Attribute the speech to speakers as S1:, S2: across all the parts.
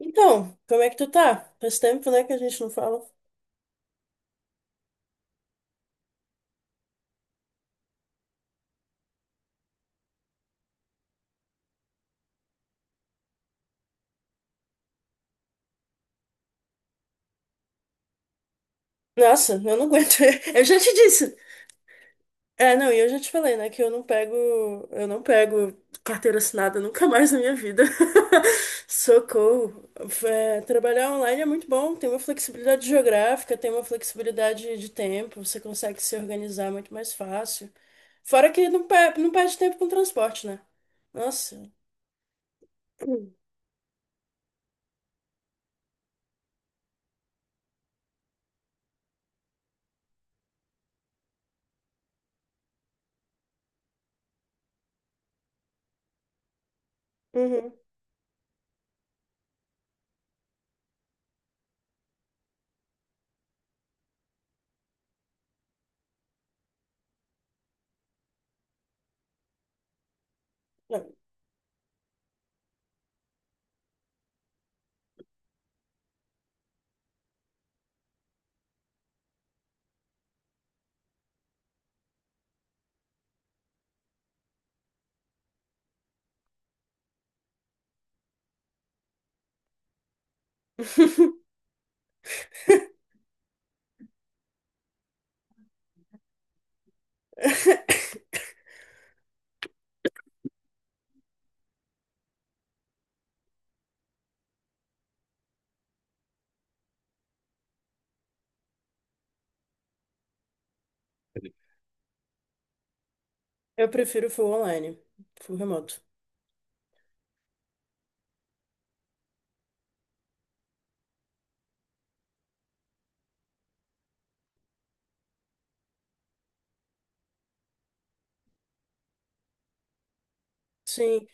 S1: Então, como é que tu tá? Faz tempo, né, que a gente não fala. Nossa, eu não aguento. Eu já te disse. É, não, e eu já te falei, né, que eu não pego carteira assinada nunca mais na minha vida. Socorro. É, trabalhar online é muito bom, tem uma flexibilidade geográfica, tem uma flexibilidade de tempo, você consegue se organizar muito mais fácil. Fora que não perde tempo com transporte, né? Nossa. Uhum. Não. Eu prefiro full online, full remoto. Sim.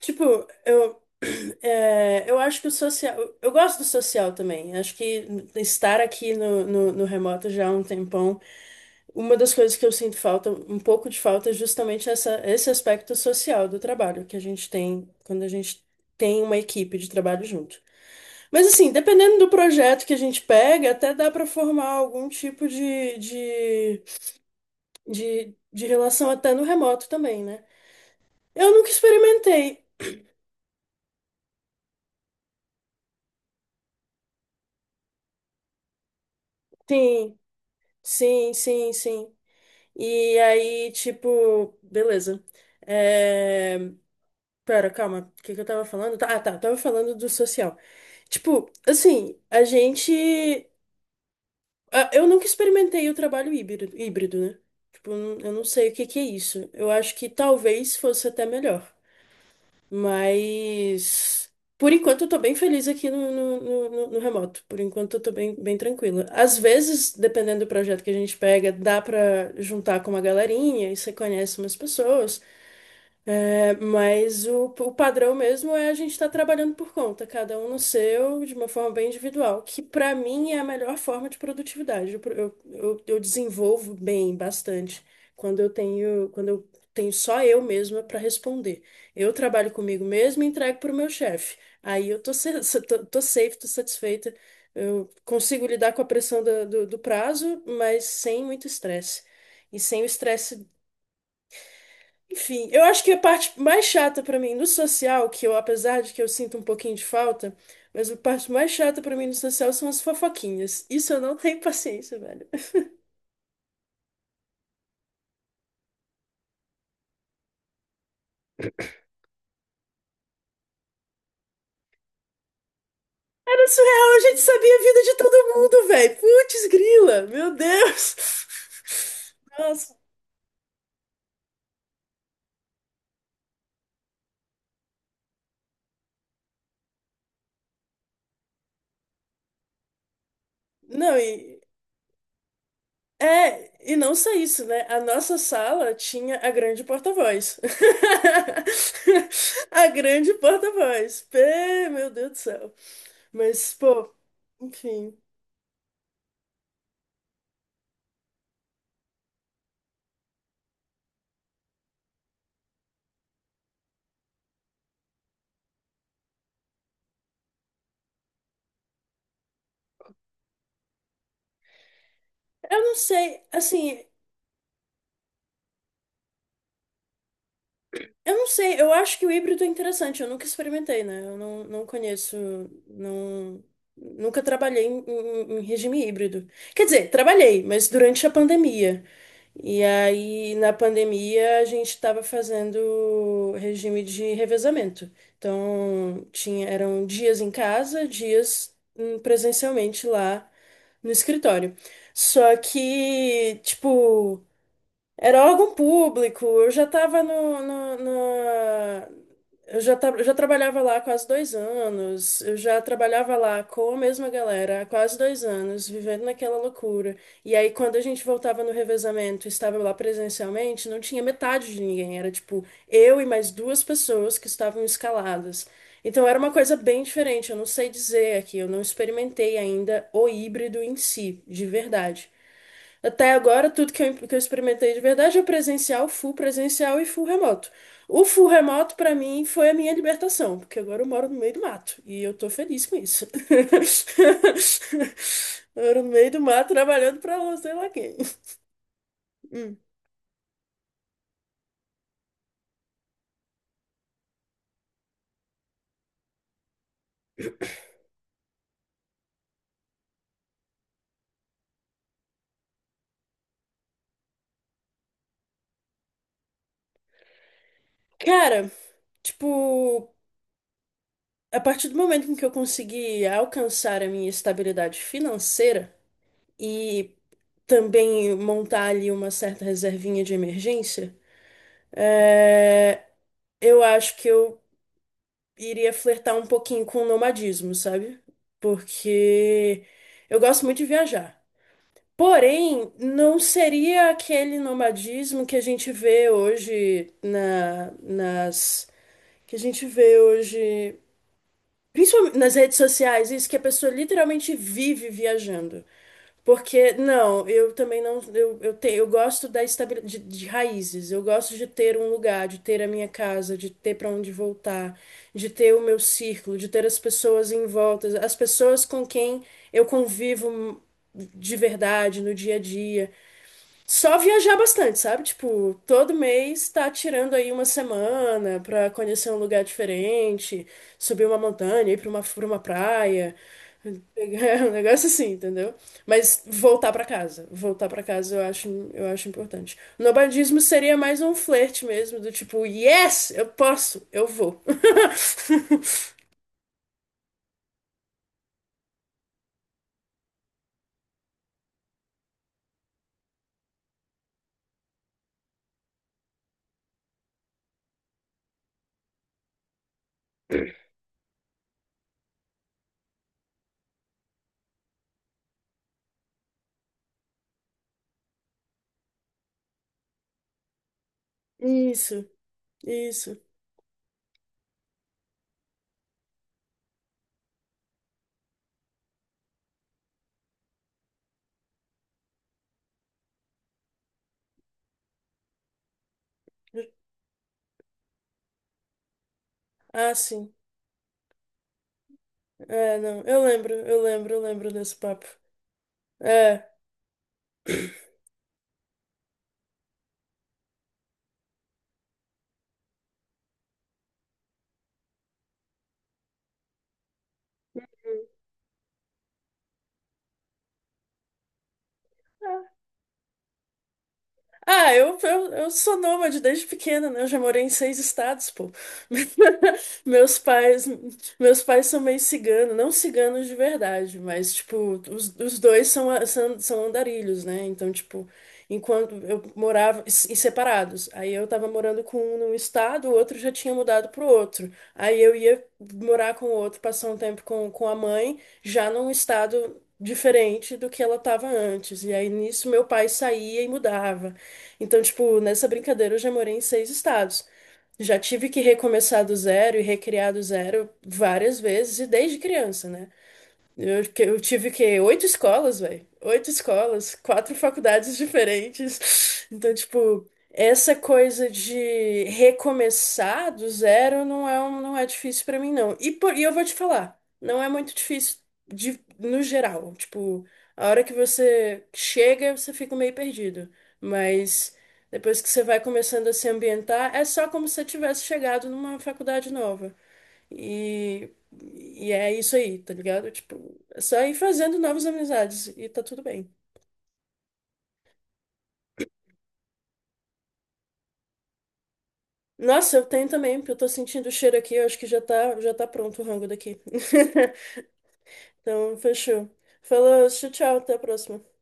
S1: Tipo, eu, eu acho que o social. Eu gosto do social também. Acho que estar aqui no remoto já há um tempão, uma das coisas que eu sinto falta, um pouco de falta, é justamente essa, esse aspecto social do trabalho que a gente tem quando a gente tem uma equipe de trabalho junto. Mas assim, dependendo do projeto que a gente pega, até dá para formar algum tipo de relação até no remoto também, né? Eu nunca experimentei. Sim, sim, sim, sim. E aí, tipo, beleza. É... Pera, calma, o que que eu tava falando? Ah, tá, eu tava falando do social. Tipo, assim, a gente. Ah, eu nunca experimentei o trabalho híbrido, híbrido, né? Tipo, eu não sei o que que é isso. Eu acho que talvez fosse até melhor. Mas, por enquanto, eu tô bem feliz aqui no remoto. Por enquanto, eu tô bem, bem tranquila. Às vezes, dependendo do projeto que a gente pega, dá pra juntar com uma galerinha e você conhece umas pessoas. É, mas o padrão mesmo é a gente estar trabalhando por conta, cada um no seu, de uma forma bem individual, que para mim é a melhor forma de produtividade. Eu desenvolvo bem, bastante, quando eu tenho só eu mesma para responder. Eu trabalho comigo mesma e entrego para o meu chefe. Aí eu tô safe, tô satisfeita. Eu consigo lidar com a pressão do prazo, mas sem muito estresse. E sem o estresse enfim, eu acho que a parte mais chata pra mim no social, que eu, apesar de que eu sinto um pouquinho de falta, mas a parte mais chata pra mim no social são as fofoquinhas. Isso eu não tenho paciência, velho. Era surreal, a gente sabia a vida de todo mundo, velho. Putz, grila, meu Deus. Nossa. Não. É, e não só isso, né? A nossa sala tinha a grande porta-voz. A grande porta-voz. Meu Deus do céu. Mas, pô, enfim. Eu não sei, assim, eu não sei, eu acho que o híbrido é interessante, eu nunca experimentei, né? Eu não conheço, não, nunca trabalhei em regime híbrido. Quer dizer, trabalhei, mas durante a pandemia. E aí, na pandemia, a gente estava fazendo regime de revezamento. Então, tinha, eram dias em casa, dias presencialmente lá no escritório. Só que, tipo. Era órgão público, eu já estava no, no, na- Eu já trabalhava lá há quase 2 anos, eu já trabalhava lá com a mesma galera há quase 2 anos, vivendo naquela loucura. E aí, quando a gente voltava no revezamento, e estava lá presencialmente, não tinha metade de ninguém, era tipo eu e mais duas pessoas que estavam escaladas. Então, era uma coisa bem diferente, eu não sei dizer aqui, eu não experimentei ainda o híbrido em si, de verdade. Até agora, tudo que eu experimentei de verdade é presencial, full presencial e full remoto. O full remoto, pra mim, foi a minha libertação, porque agora eu moro no meio do mato e eu tô feliz com isso. Eu moro no meio do mato trabalhando pra não sei lá quem. Hum. Cara, tipo, a partir do momento em que eu consegui alcançar a minha estabilidade financeira e também montar ali uma certa reservinha de emergência, é, eu acho que eu iria flertar um pouquinho com o nomadismo, sabe? Porque eu gosto muito de viajar. Porém, não seria aquele nomadismo que a gente vê hoje na, nas que a gente vê hoje principalmente nas redes sociais, isso que a pessoa literalmente vive viajando. Porque, não, eu também não. Eu gosto da estabilidade de raízes. Eu gosto de ter um lugar, de ter a minha casa, de ter para onde voltar, de ter o meu círculo, de ter as pessoas em volta, as pessoas com quem eu convivo de verdade no dia a dia. Só viajar bastante, sabe? Tipo, todo mês tá tirando aí uma semana pra conhecer um lugar diferente, subir uma montanha, ir pra uma praia. É um negócio assim, entendeu? Mas voltar pra casa. Voltar pra casa eu acho importante. O nobadismo seria mais um flerte mesmo, do tipo, yes, eu posso, eu vou. Isso, isso. Ah, sim. É, não. Eu lembro, eu lembro, eu lembro desse papo. É. Ah, eu sou nômade desde pequena, né? Eu já morei em seis estados, pô. Meus pais, meus pais são meio ciganos, não ciganos de verdade, mas, tipo, os dois são andarilhos, né? Então, tipo, enquanto eu morava, e separados, aí eu tava morando com um num estado, o outro já tinha mudado pro outro. Aí eu ia morar com o outro, passar um tempo com a mãe, já num estado diferente do que ela tava antes. E aí nisso meu pai saía e mudava. Então, tipo, nessa brincadeira eu já morei em seis estados. Já tive que recomeçar do zero e recriar do zero várias vezes, e desde criança, né? Eu tive que oito escolas, velho. Oito escolas, quatro faculdades diferentes. Então, tipo, essa coisa de recomeçar do zero não é difícil pra mim, não. E eu vou te falar, não é muito difícil de, no geral. Tipo, a hora que você chega, você fica meio perdido. Mas depois que você vai começando a se ambientar, é só como se você tivesse chegado numa faculdade nova. E é isso aí, tá ligado? Tipo, é só ir fazendo novas amizades e tá tudo bem. Nossa, eu tenho também, porque eu tô sentindo o cheiro aqui, eu acho que já tá pronto o rango daqui. Então, fechou. Falou, tchau, tchau, até a próxima.